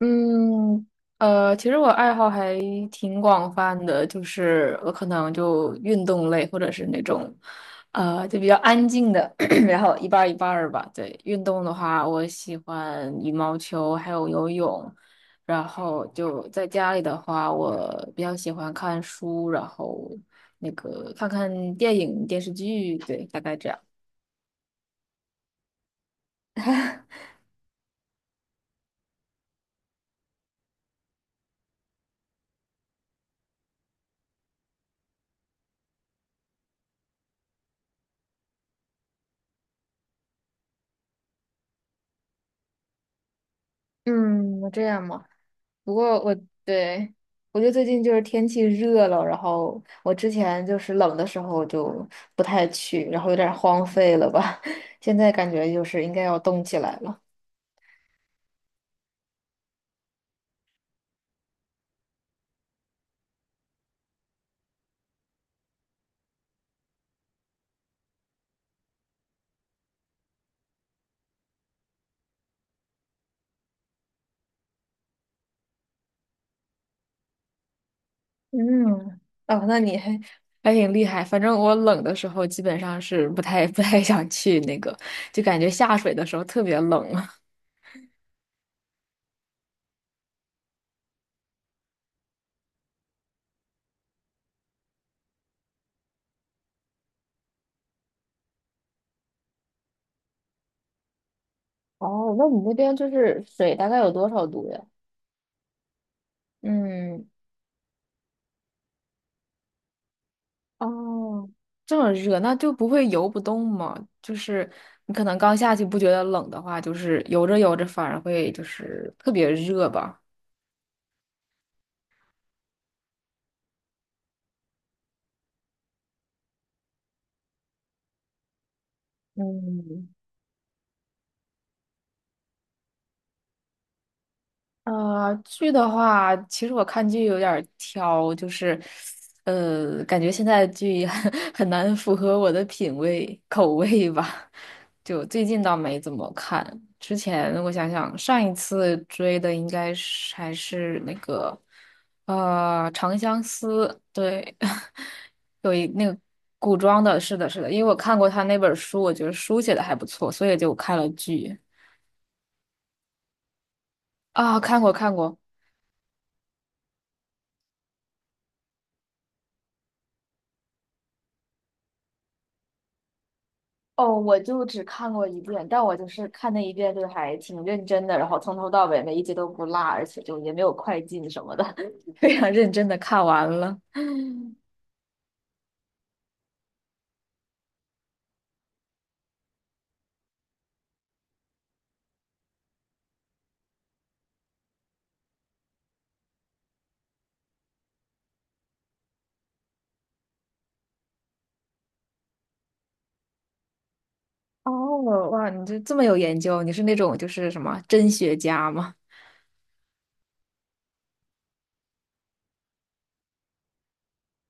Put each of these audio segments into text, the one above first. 嗯，其实我爱好还挺广泛的，就是我可能就运动类，或者是那种，就比较安静的，然后一半儿一半儿吧。对，运动的话，我喜欢羽毛球，还有游泳。然后就在家里的话，我比较喜欢看书，然后那个看看电影、电视剧，对，大概这样。嗯，这样吗？不过我对我觉得最近就是天气热了，然后我之前就是冷的时候就不太去，然后有点荒废了吧。现在感觉就是应该要动起来了。嗯，哦，那你还还挺厉害。反正我冷的时候基本上是不太 不太想去那个，就感觉下水的时候特别冷。哦，那你那边就是水大概有多少度呀？嗯，哦，这么热，那就不会游不动嘛？就是你可能刚下去不觉得冷的话，就是游着游着反而会就是特别热吧。嗯，剧的话，其实我看剧有点儿挑，就是，感觉现在的剧 很难符合我的品味口味吧。就最近倒没怎么看，之前我想想，上一次追的应该是还是那个，长相思》，对，那个古装的，是的，是的，因为我看过他那本书，我觉得书写的还不错，所以就看了剧啊，看过看过。哦，我就只看过一遍，但我就是看那一遍，就是还挺认真的，然后从头到尾每一集都不落，而且就也没有快进什么的，非常认真的看完了。哦，哇，你这么有研究，你是那种就是什么真学家吗？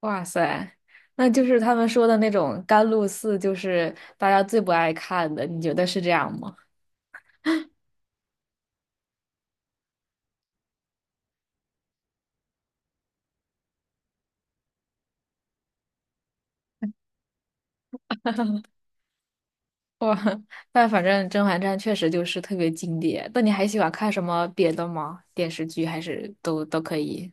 哇塞，那就是他们说的那种甘露寺，就是大家最不爱看的，你觉得是这样吗？哇，但反正《甄嬛传》确实就是特别经典。那你还喜欢看什么别的吗？电视剧还是都可以？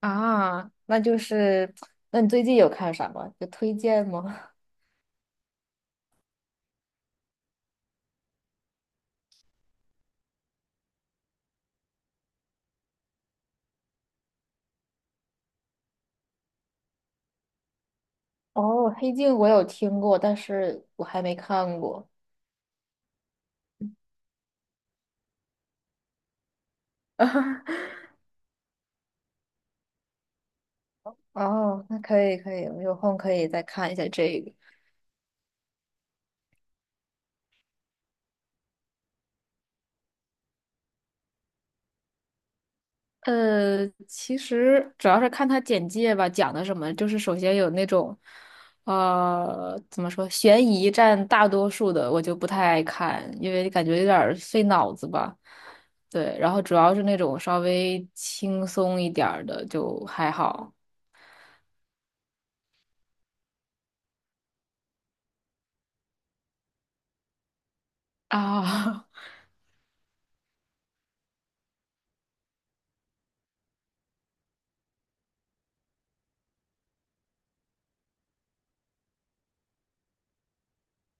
啊，那就是，那你最近有看啥吗？有推荐吗？哦，《黑镜》我有听过，但是我还没看过。哦，那可以可以，我有空可以再看一下这个。其实主要是看他简介吧，讲的什么，就是首先有那种，怎么说，悬疑占大多数的，我就不太爱看，因为感觉有点儿费脑子吧。对，然后主要是那种稍微轻松一点儿的就还好啊。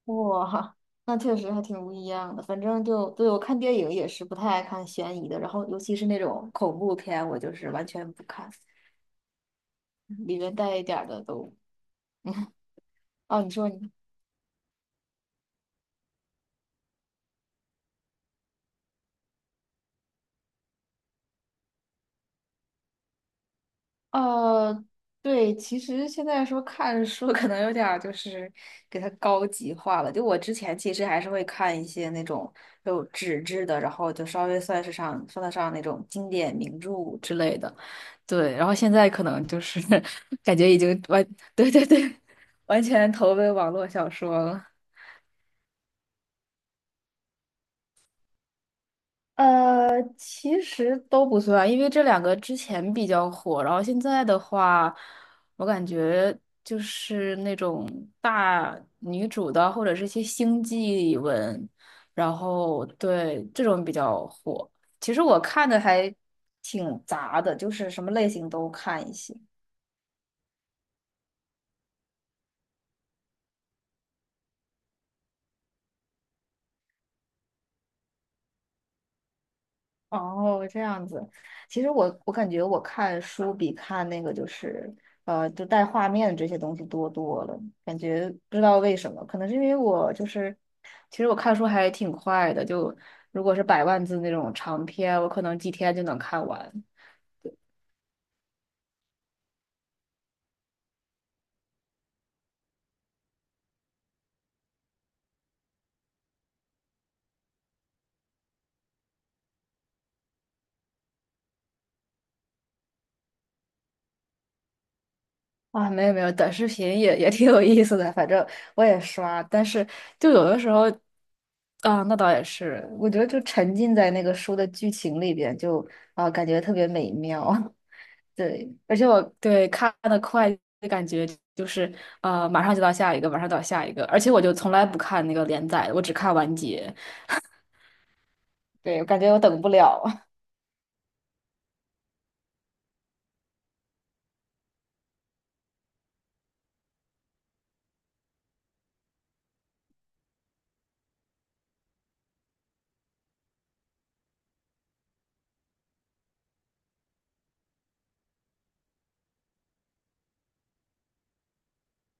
哇，那确实还挺不一样的。反正就，对，我看电影也是不太爱看悬疑的，然后尤其是那种恐怖片，我就是完全不看，里面带一点儿的都。哦，你说你，呃，对，其实现在说看书可能有点儿就是给它高级化了。就我之前其实还是会看一些那种有纸质的，然后就稍微算得上那种经典名著之类的。对，然后现在可能就是 感觉已经完，对对对，完全投奔网络小说了。其实都不算，因为这两个之前比较火，然后现在的话，我感觉就是那种大女主的，或者是一些星际文，然后对这种比较火。其实我看的还挺杂的，就是什么类型都看一些。哦，这样子。其实我感觉我看书比看那个就是就带画面这些东西多多了。感觉不知道为什么，可能是因为我就是，其实我看书还挺快的，就如果是百万字那种长篇，我可能几天就能看完。啊，没有没有，短视频也挺有意思的，反正我也刷，但是就有的时候，啊，那倒也是，我觉得就沉浸在那个书的剧情里边，就啊，感觉特别美妙。对，而且我对，看的快的感觉就是马上就到下一个，马上到下一个，而且我就从来不看那个连载的我只看完结。对我感觉我等不了。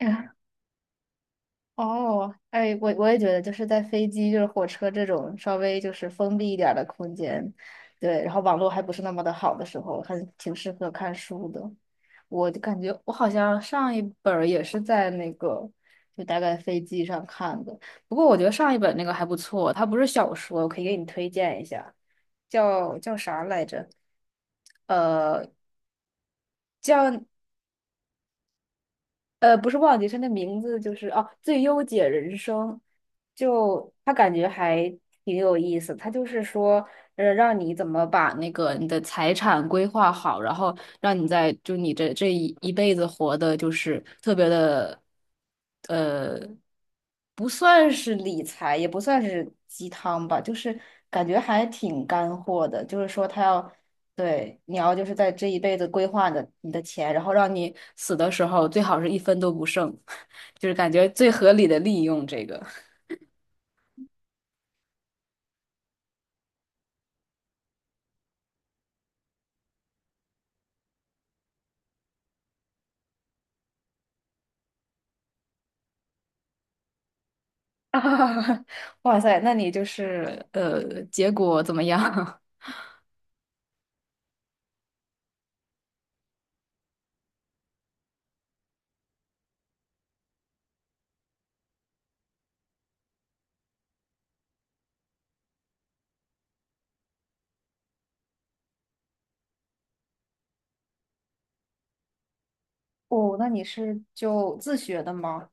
哦，哎，我也觉得，就是在飞机、就是火车这种稍微就是封闭一点儿的空间，对，然后网络还不是那么的好的时候，还挺适合看书的。我就感觉我好像上一本儿也是在那个，就大概飞机上看的。不过我觉得上一本那个还不错，它不是小说，我可以给你推荐一下，叫啥来着？呃，叫。不是忘记，是那名字就是哦，《最优解人生》就，他感觉还挺有意思。他就是说，让你怎么把那个你的财产规划好，然后让你在就你这这一辈子活的，就是特别的，呃，不算是理财，也不算是鸡汤吧，就是感觉还挺干货的。就是说，他要对，你要就是在这一辈子规划你的钱，然后让你死的时候最好是一分都不剩，就是感觉最合理的利用这个。啊，哇塞，那你就是结果怎么样？哦，那你是就自学的吗？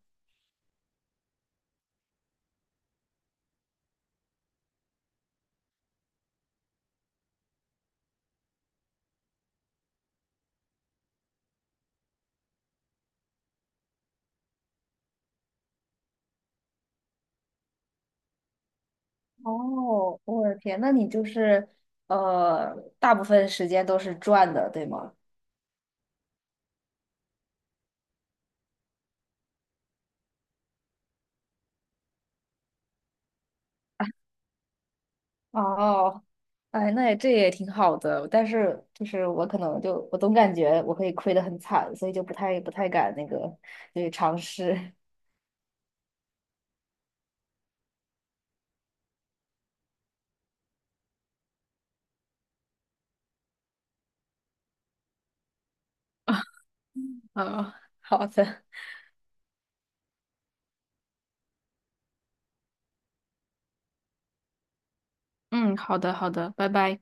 哦，我的天，那你就是大部分时间都是赚的，对吗？哦，哎，那也这也挺好的，但是就是我可能就我总感觉我可以亏得很惨，所以就不太敢那个，就是尝试。嗯，好的，嗯，好的，好的，拜拜。